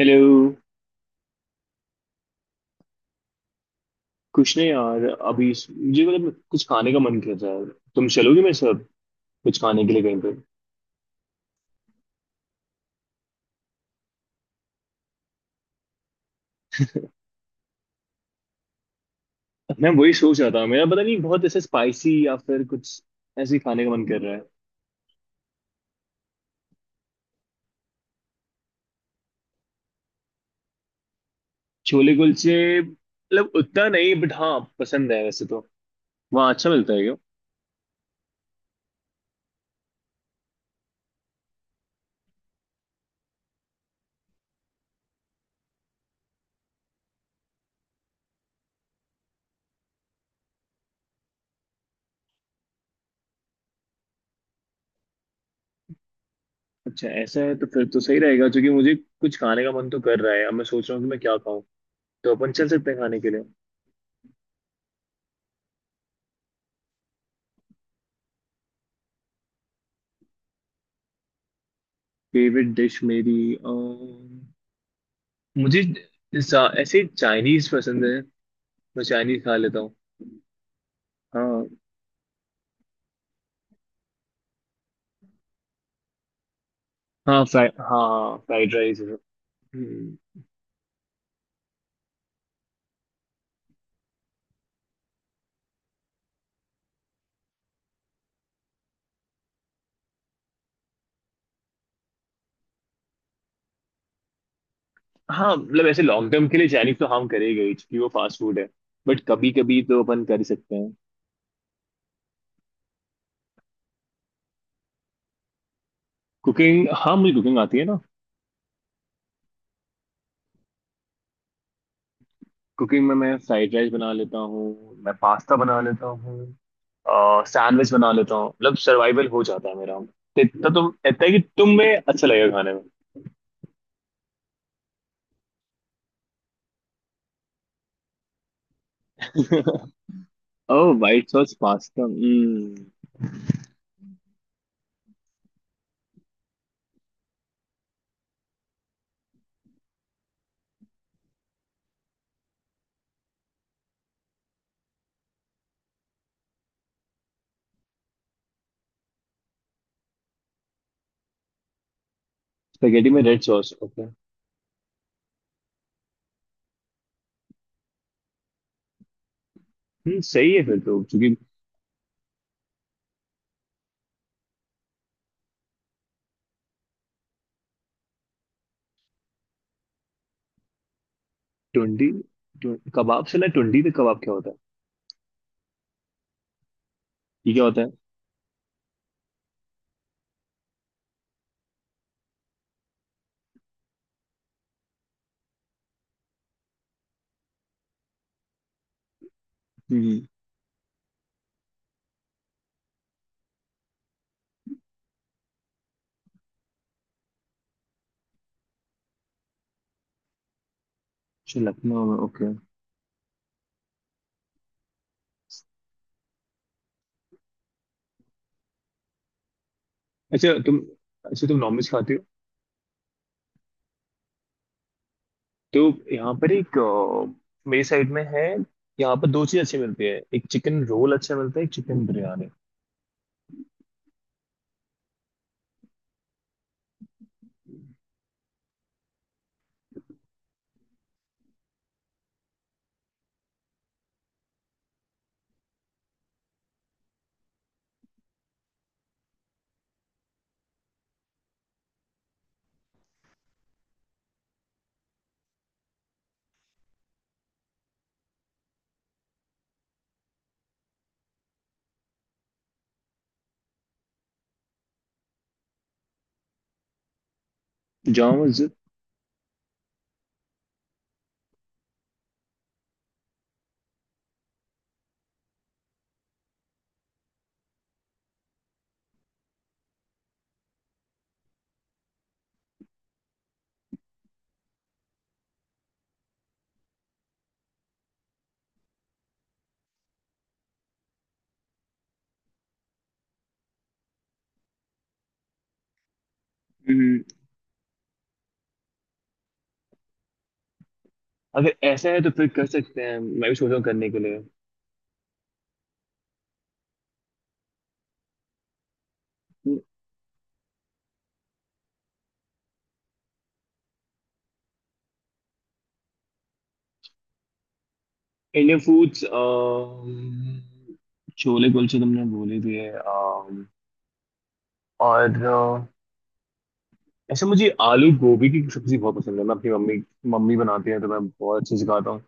Hello. कुछ नहीं यार, अभी मुझे मतलब कुछ खाने का मन कर रहा है। तुम चलोगे मेरे साथ कुछ खाने के लिए कहीं पे? मैं वही सोच रहा था, मेरा पता नहीं, बहुत ऐसे स्पाइसी या फिर कुछ ऐसे ही खाने का मन कर रहा है। छोले कुलचे मतलब उतना नहीं, बट हाँ, पसंद है वैसे तो। वहाँ अच्छा मिलता है क्या? अच्छा, ऐसा है तो फिर तो सही रहेगा, क्योंकि मुझे कुछ खाने का मन तो कर रहा है। अब मैं सोच रहा हूँ कि मैं क्या खाऊं, तो अपन चल सकते हैं खाने के लिए। फेवरेट डिश मेरी मुझे ऐसे चाइनीज पसंद है। मैं चाइनीज खा लेता हूँ। हाँ। हाँ, फ्राइड, हाँ फ्राइड राइस। हम्म। हाँ मतलब ऐसे लॉन्ग टर्म के लिए चाइनीज तो हम करेंगे ही, क्योंकि वो फास्ट फूड है, बट कभी कभी तो अपन कर ही सकते हैं। कुकिंग? हाँ, मुझे कुकिंग आती है ना। कुकिंग में मैं फ्राइड राइस बना लेता हूँ, मैं पास्ता बना लेता हूँ, सैंडविच बना लेता हूँ, मतलब सर्वाइवल हो जाता है मेरा तो। इतना तुम, इतना है कि तुम में अच्छा लगेगा खाने में। ओह, व्हाइट सॉस पास्ता। स्पेगेटी में रेड सॉस, ओके। हम्म, सही है फिर तो, क्योंकि। टुंडी, कबाब से ना टुंडी, तो कबाब क्या होता है? ये क्या होता है? हम्म। अच्छा, लखनऊ में, ओके। अच्छा तुम, अच्छा तुम नॉनवेज खाते हो? तो यहाँ पर एक मेरी साइड में है, यहाँ पर दो चीज़ अच्छी मिलती है, एक चिकन रोल अच्छा मिलता है, एक चिकन बिरयानी। जामा मस्जिद। हम्म। अगर ऐसा है तो फिर कर सकते हैं। मैं भी सोच रहा हूँ करने के लिए। इंडियन फूड्स, छोले कुलचे तुमने बोले दिए। और ऐसे मुझे आलू गोभी की सब्जी बहुत पसंद है। मैं अपनी मम्मी, मम्मी बनाती है तो मैं बहुत अच्छे से खाता हूँ।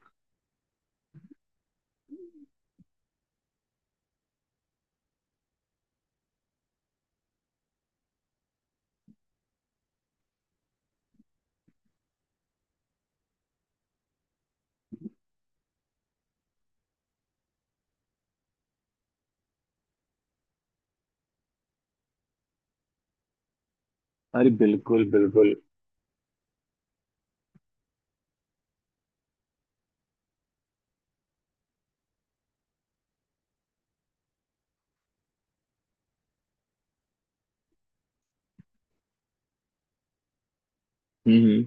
अरे बिल्कुल बिल्कुल। हम्म।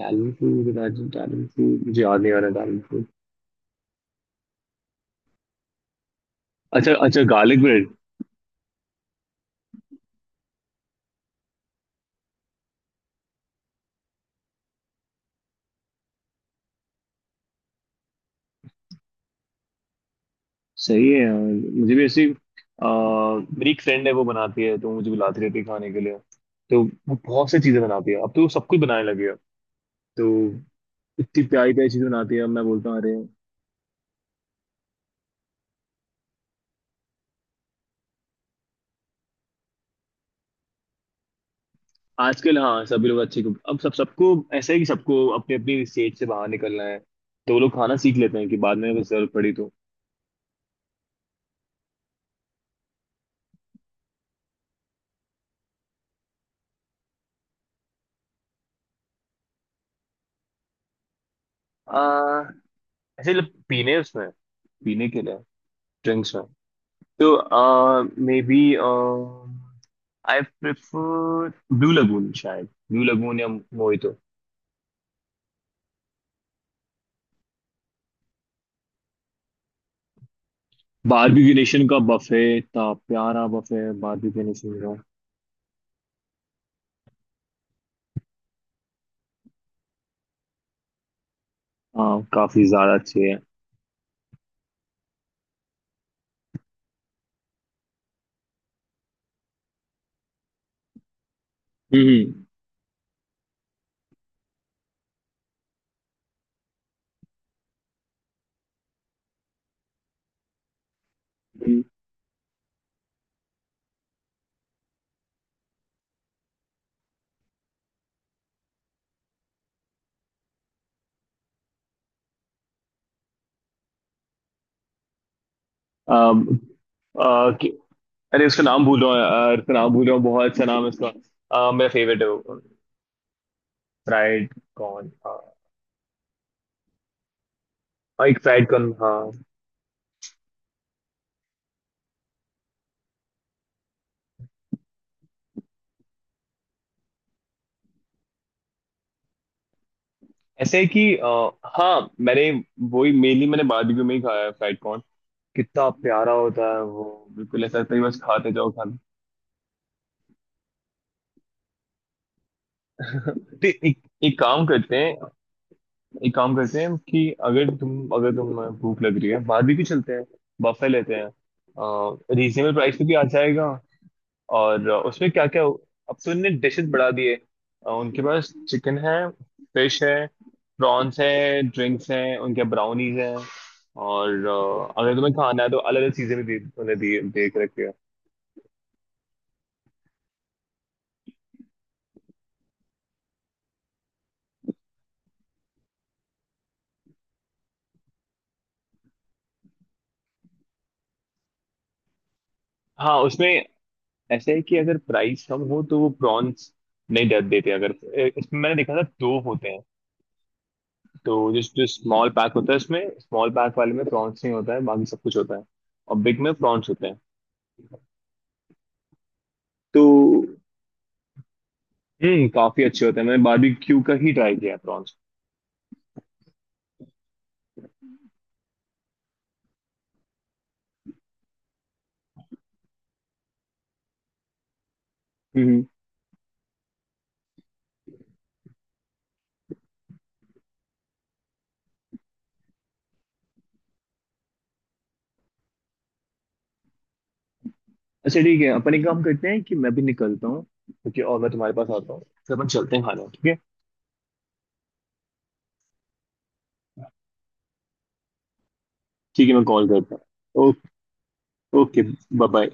दाल फूड, दाल फूड मुझे याद नहीं आ रहा, दाल फूड। अच्छा अच्छा, गार्लिक ब्रेड। सही है यार। मुझे भी ऐसी, आ, मेरी एक फ्रेंड है, वो बनाती है तो मुझे भी लाती रहती है खाने के लिए। तो वो बहुत सी चीज़ें बनाती है, अब तो वो सब कुछ बनाने लगी है। तो इतनी प्यारी प्यारी चीज़ें बनाती है, अब मैं बोलता हूँ अरे। आजकल हाँ, सभी लोग अच्छे को, अब सब सबको ऐसा है कि सबको अपनी अपनी स्टेज से बाहर निकलना है, तो वो लोग खाना सीख लेते हैं कि बाद में अगर जरूरत पड़ी तो। आ, ऐसे लोग पीने, उसमें पीने के लिए, ड्रिंक्स में तो may be, I prefer blue lagoon, शायद ब्लू लगून या मोहितो। बारबेक्यू नेशन का बफे इतना प्यारा बफे है बारबेक्यू नेशन का। हाँ, काफी ज्यादा अच्छे है। हम्म हम्म। अम, अरे उसका नाम भूल रहा हूँ यार, उसका नाम भूल रहा हूँ, बहुत सा नाम है उसका। मेरा फेवरेट है वो। फ्राइड कॉर्न, हाँ। एक फ्राइड कॉर्न, हाँ। ऐसे है कि हाँ, मैंने वही मेनली मैंने बारबेक्यू में ही खाया है, फ्राइड कॉर्न। कितना प्यारा होता है वो! बिल्कुल ऐसा लगता है कि बस खाते जाओ खाना। तो एक काम करते हैं, एक काम करते हैं कि अगर तुम, अगर तुम। भूख लग रही है, बारबेक्यू चलते हैं, बफे लेते हैं। रीजनेबल प्राइस पे भी आ जाएगा। और उसमें क्या क्या, अब तो इनने डिशेस बढ़ा दिए। उनके पास चिकन है, फिश है, प्रॉन्स है, ड्रिंक्स हैं, उनके ब्राउनीज हैं। और अगर तुम्हें खाना है तो अलग अलग चीजें भी दे, उन्हें देख रखी है। हाँ, उसमें ऐसे है कि अगर प्राइस कम हो तो वो प्रॉन्स नहीं दे देते। अगर इसमें मैंने देखा था दो होते हैं, तो जो जो स्मॉल पैक होता है उसमें, स्मॉल पैक वाले में प्रॉन्स नहीं होता है, बाकी सब कुछ होता है। और बिग में प्रॉन्स होते हैं। तो हम्म, काफी अच्छे होते हैं। मैंने बारबेक्यू का ही ट्राई किया है प्रॉन्स। हम्म। अच्छा ठीक है, अपन एक काम करते हैं कि मैं भी निकलता हूँ, ठीक है? और मैं तुम्हारे पास आता हूँ, फिर अपन चलते हैं खाना, ठीक है। ठीक है, मैं कॉल करता हूँ, ओके। Okay, bye bye.